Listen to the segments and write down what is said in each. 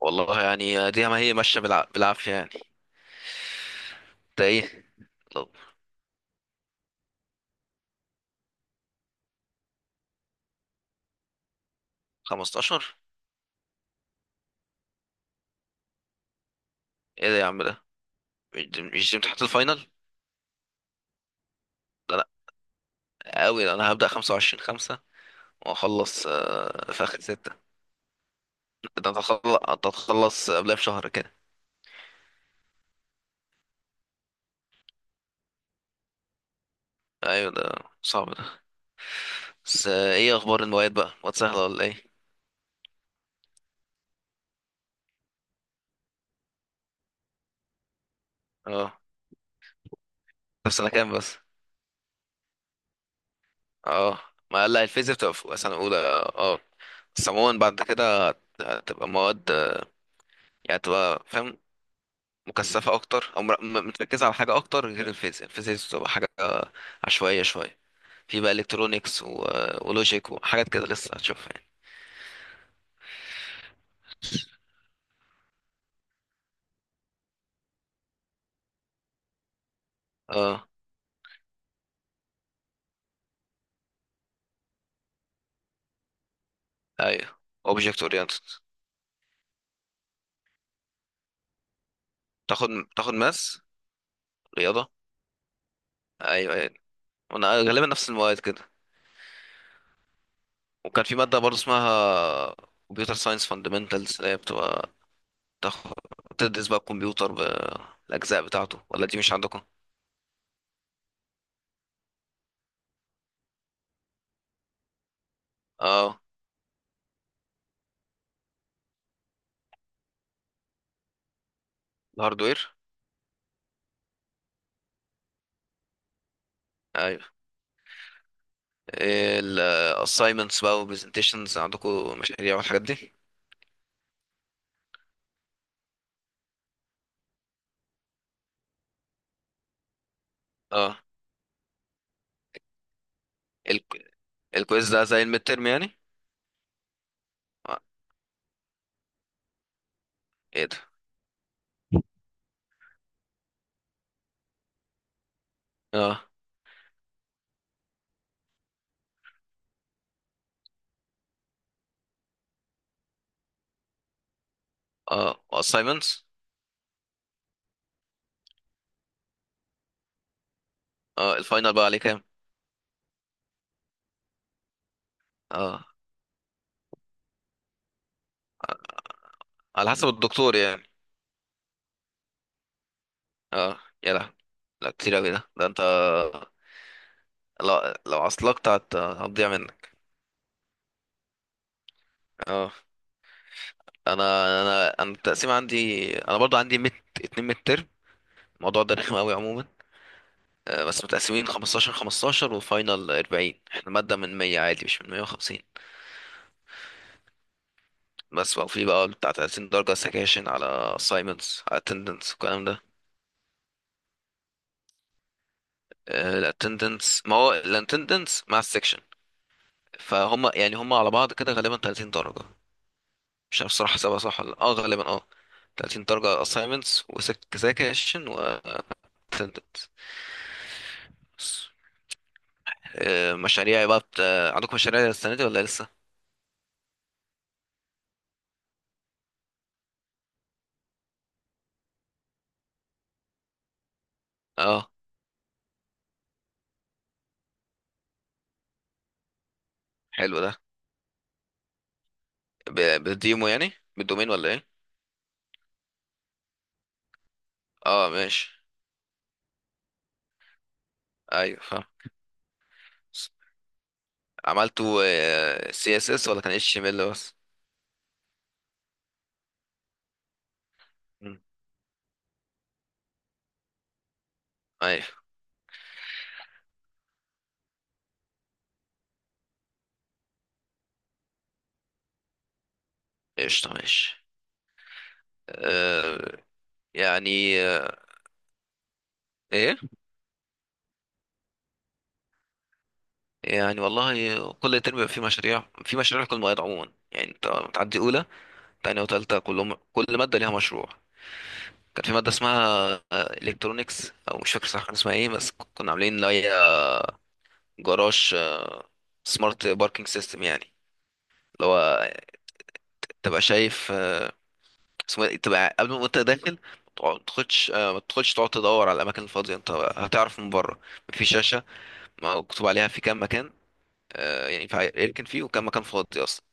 والله يعني دي ما هي ماشيه بالعافيه يعني. ده ايه؟ طب 15. ايه ده يا عم؟ ده مش دي امتحانات الفاينل؟ ده لا قوي. ده انا هبدا 25 5 واخلص في اخر 6. ده هتخلص، هتخلص قبلها بشهر كده. ايوه، ده صعب ده. بس ايه اخبار المواد بقى؟ مواد سهله ولا ايه؟ اه. طب سنه كام بس؟ اه. ما لا، الفيزياء بتبقى في سنه اولى. اه بس عموما بعد كده هتبقى مواد يعني تبقى فاهم، مكثفة أكتر، أو متركزة على حاجة أكتر. غير الفيزياء، الفيزياء بتبقى حاجة عشوائية شوية. في بقى إلكترونيكس ولوجيك وحاجات كده لسه هتشوفها يعني. اه. أيوه. أوبجكت أورينتد. تاخد، تاخد ماس. رياضة. أيوه أيوه. وأنا غالبا نفس المواد كده. وكان في مادة برضه اسمها كمبيوتر ساينس فاندمنتالز، اللي هي بتبقى تاخد، تدرس بقى الكمبيوتر بالأجزاء بتاعته. ولا دي مش عندكم؟ اه. الهاردوير. أيوه. الاساينمنتس بقى وبرزنتيشنز، عندكم مشاريع والحاجات دي؟ اه. ال- الكويز ده زي الميد ترم يعني؟ آه. ايه ده. اه. اه اساينمنتس. اه، الفاينل بقى عليه كام؟ اه. على حسب الدكتور يعني. اه يا لا، لا كتير اوي ده. ده انت لو عصلكت هتضيع منك. اه. انا انا التقسيم عندي، انا برضو عندي ميد، اتنين ميد ترم. الموضوع ده رخم قوي عموما. بس متقسمين 15 15 وفاينل 40، احنا مادة من 100 عادي مش من 150. بس بقى في بقى بتاع 30 درجة سكاشن، على assignments، على attendance والكلام ده. ال attendance، ما هو ال attendance مع السكشن، فهم يعني هم على بعض كده، غالبا 30 درجة. مش عارف الصراحة حسابها صح ولا لأ. اه غالبا اه، 30 درجة assignments وسكاشن و attendance بس. مشاريع بقى بت... آه، عندكم مشاريع السنة دي ولا لسه؟ اه. حلو ده. ب... بالديمو يعني؟ بالدومين ولا ايه؟ اه ماشي. ايوه فاهم. عملتوا CSS ولا كان HTML بس؟ مم. ايوه. قشطة ماشي. آه. يعني آه. ايه؟ يعني والله كل ترم بيبقى في مشاريع، في مشاريع لكل مواد عموما يعني. انت بتعدي اولى، تانية، وتالتة كلهم، كل مادة ليها مشروع. كان في مادة اسمها الكترونكس او مش فاكر صح كان اسمها ايه، بس كنا عاملين اللي هي جراج سمارت باركينج سيستم يعني، اللي هو تبقى شايف اسمه إيه؟ تبقى قبل ما انت داخل، ما تدخلش تقعد تدور على الاماكن الفاضيه، انت هتعرف من بره. في شاشه مكتوب عليها في كام مكان. يعني يمكن فيه وكان مكان فاضي اصلا،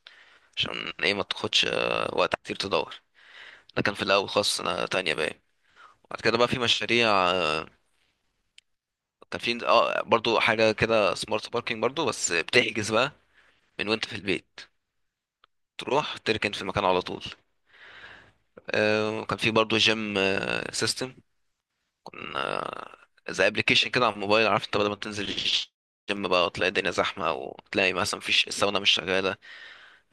عشان ايه ما تاخدش وقت كتير تدور. ده كان في الاول خالص، سنه تانية باين. بعد كده بقى في مشاريع كان في اه برضو حاجه كده سمارت باركينج برضو، بس بتحجز بقى من وانت في البيت، تروح تركن في المكان على طول. وكان في برضو جيم سيستم، كنا زي ابلكيشن كده على الموبايل. عارف انت بدل ما تنزل الجيم بقى وتلاقي الدنيا زحمه، او تلاقي مثلا مفيش، الساونا مش شغاله،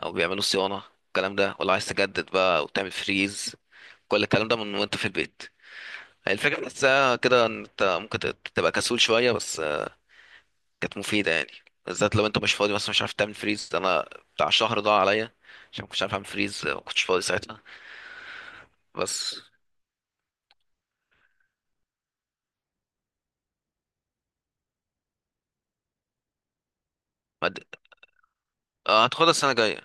او بيعملوا صيانه، الكلام ده، ولا عايز تجدد بقى وتعمل فريز، كل الكلام ده من وانت في البيت. هي الفكرة بحسها كده ان انت ممكن تبقى كسول شوية، بس كانت مفيدة يعني. بالذات لو انت مش فاضي، مثلا مش عارف تعمل فريز. انا بتاع شهر ضاع عليا عشان ما كنتش عارف اعمل فريز، ما كنتش فاضي ساعتها. بس. ما د- هتاخدها السنة الجاية.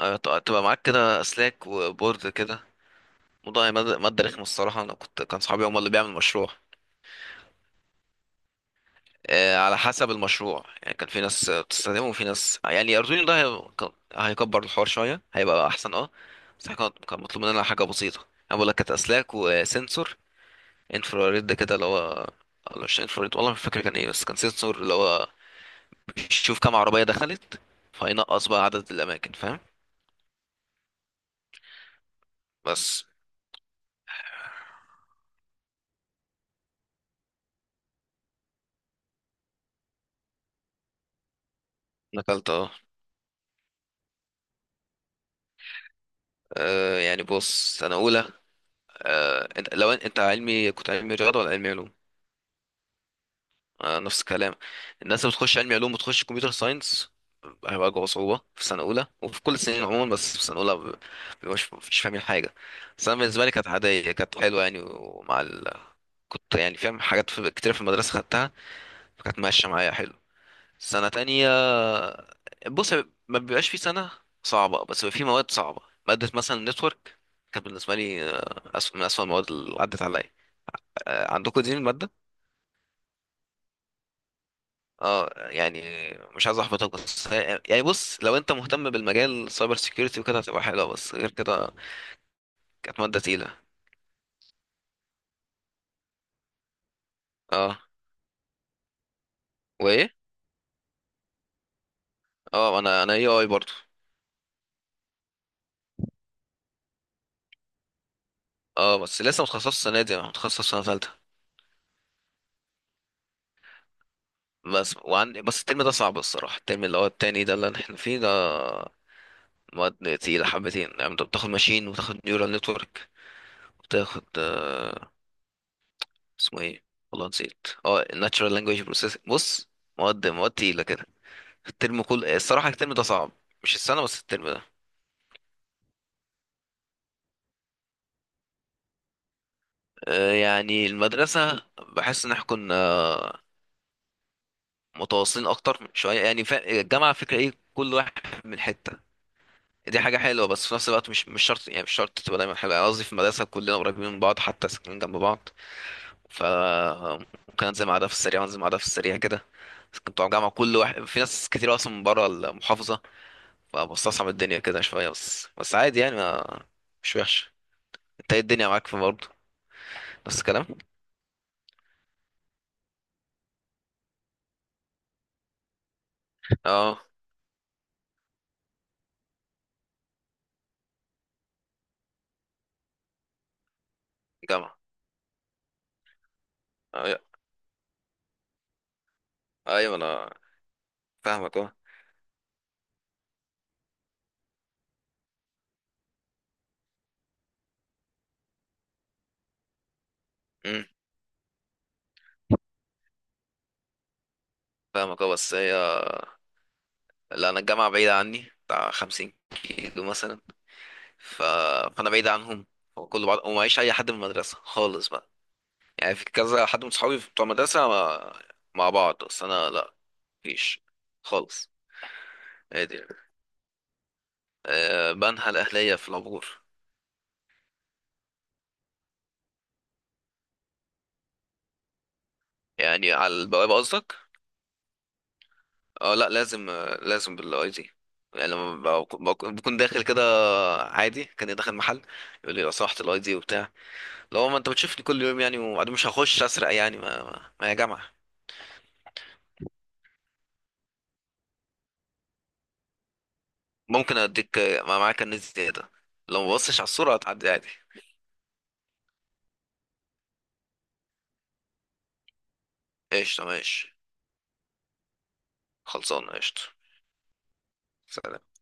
تبقى معاك كده اسلاك وبورد كده. موضوع مادة، مادة رخمة الصراحة. انا كنت، كان صحابي هم اللي بيعمل مشروع. على حسب المشروع يعني. كان في ناس بتستخدمه وفي ناس يعني. أردوينو ده هيكبر الحوار شوية، هيبقى أحسن اه. بس إحنا كان مطلوب مننا حاجة بسيطة. أنا بقول لك كانت أسلاك وسنسور انفراريد كده، اللي هو، ولا مش انفراريد والله مش فاكر كان ايه. بس كان سنسور اللي هو بيشوف كام عربية دخلت، فينقص بقى عدد الأماكن، فاهم؟ بس. نقلت اه. يعني بص، سنة أولى، انت لو انت علمي، كنت علمي رياضة ولا علمي علوم؟ نفس الكلام. الناس اللي بتخش علمي علوم وتخش كمبيوتر ساينس هيواجهوا صعوبة في سنة أولى، وفي كل السنين عموما بس في سنة أولى مش فاهمين حاجة. بس أنا بالنسبة لي كانت عادية، كانت حلوة يعني. كنت يعني فاهم حاجات كتير في المدرسة خدتها، فكانت ماشية معايا حلو. سنة تانية، بص، ما بيبقاش في سنة صعبة، بس بيبقى في مواد صعبة. مادة مثلا نتورك، كانت بالنسبة لي أسوأ من أسوأ المواد اللي عدت عليا. عندكم دي المادة؟ اه يعني، مش عايز احبطك، بس يعني بص، لو انت مهتم بالمجال سايبر سيكيورتي وكده هتبقى حلوه، بس غير كده كانت ماده تقيله. اه. وايه؟ اه، انا اي اي برضه. اه بس لسه متخصص السنه دي، انا متخصص سنه ثالثه بس. وعندي بس الترم ده صعب الصراحه، الترم اللي هو التاني ده اللي احنا فيه ده، مواد تقيله حبتين. يعني انت بتاخد ماشين، وتاخد نيورال نتورك، وتاخد اسمه ايه، والله نسيت، اه، الناتشورال لانجويج بروسيسنج. بص مواد، مواد تقيله كده. الترم كل، الصراحة الترم ده صعب، مش السنة، بس الترم ده. يعني المدرسة بحس ان احنا كنا متواصلين اكتر شوية يعني. الجامعة فكرة ايه، كل واحد من حتة. دي حاجة حلوة بس في نفس الوقت مش شرط يعني، مش شرط تبقى دايما حلوة يعني. قصدي في المدرسة كلنا قريبين من بعض، حتى ساكنين جنب بعض، ف ممكن انزل مع ده في السريع وانزل مع ده في السريع كده. كنت بتوع الجامعة كل واحد، في ناس كتير اصلا من بره المحافظة، فبستصعب الدنيا كده شوية، بس بس عادي يعني، ما مش وحش. انت ايه، الدنيا معاك في برضه؟ نفس الكلام اه. جامعة. أي- أيوة. فاهمك أه. أمم، فاهمك أه. بس هي، لا، أنا الجامعة بعيدة عني بتاع 50 كيلو مثلا. ف... فأنا بعيد عنهم وكل بعض، ومعيش أي حد من المدرسة خالص بقى. يعني في كذا حد من صحابي بتوع المدرسة مع بعض، بس أنا لا، مفيش خالص. عادي. أه، بنها الأهلية في العبور. يعني على البوابة قصدك؟ أه لا لازم، لازم بالاي دي. يعني لما بكون داخل كده عادي كان داخل محل، يقول لي لو سمحت الاي دي وبتاع؟ لو ما انت بتشوفني كل يوم يعني، وبعدين مش هخش اسرق يعني، ما يا جماعه. ممكن اديك، ما معاك كنز زياده. لو ما بصش على الصوره هتعدي عادي. قشطه ماشي. خلصانه قشطه. سلام.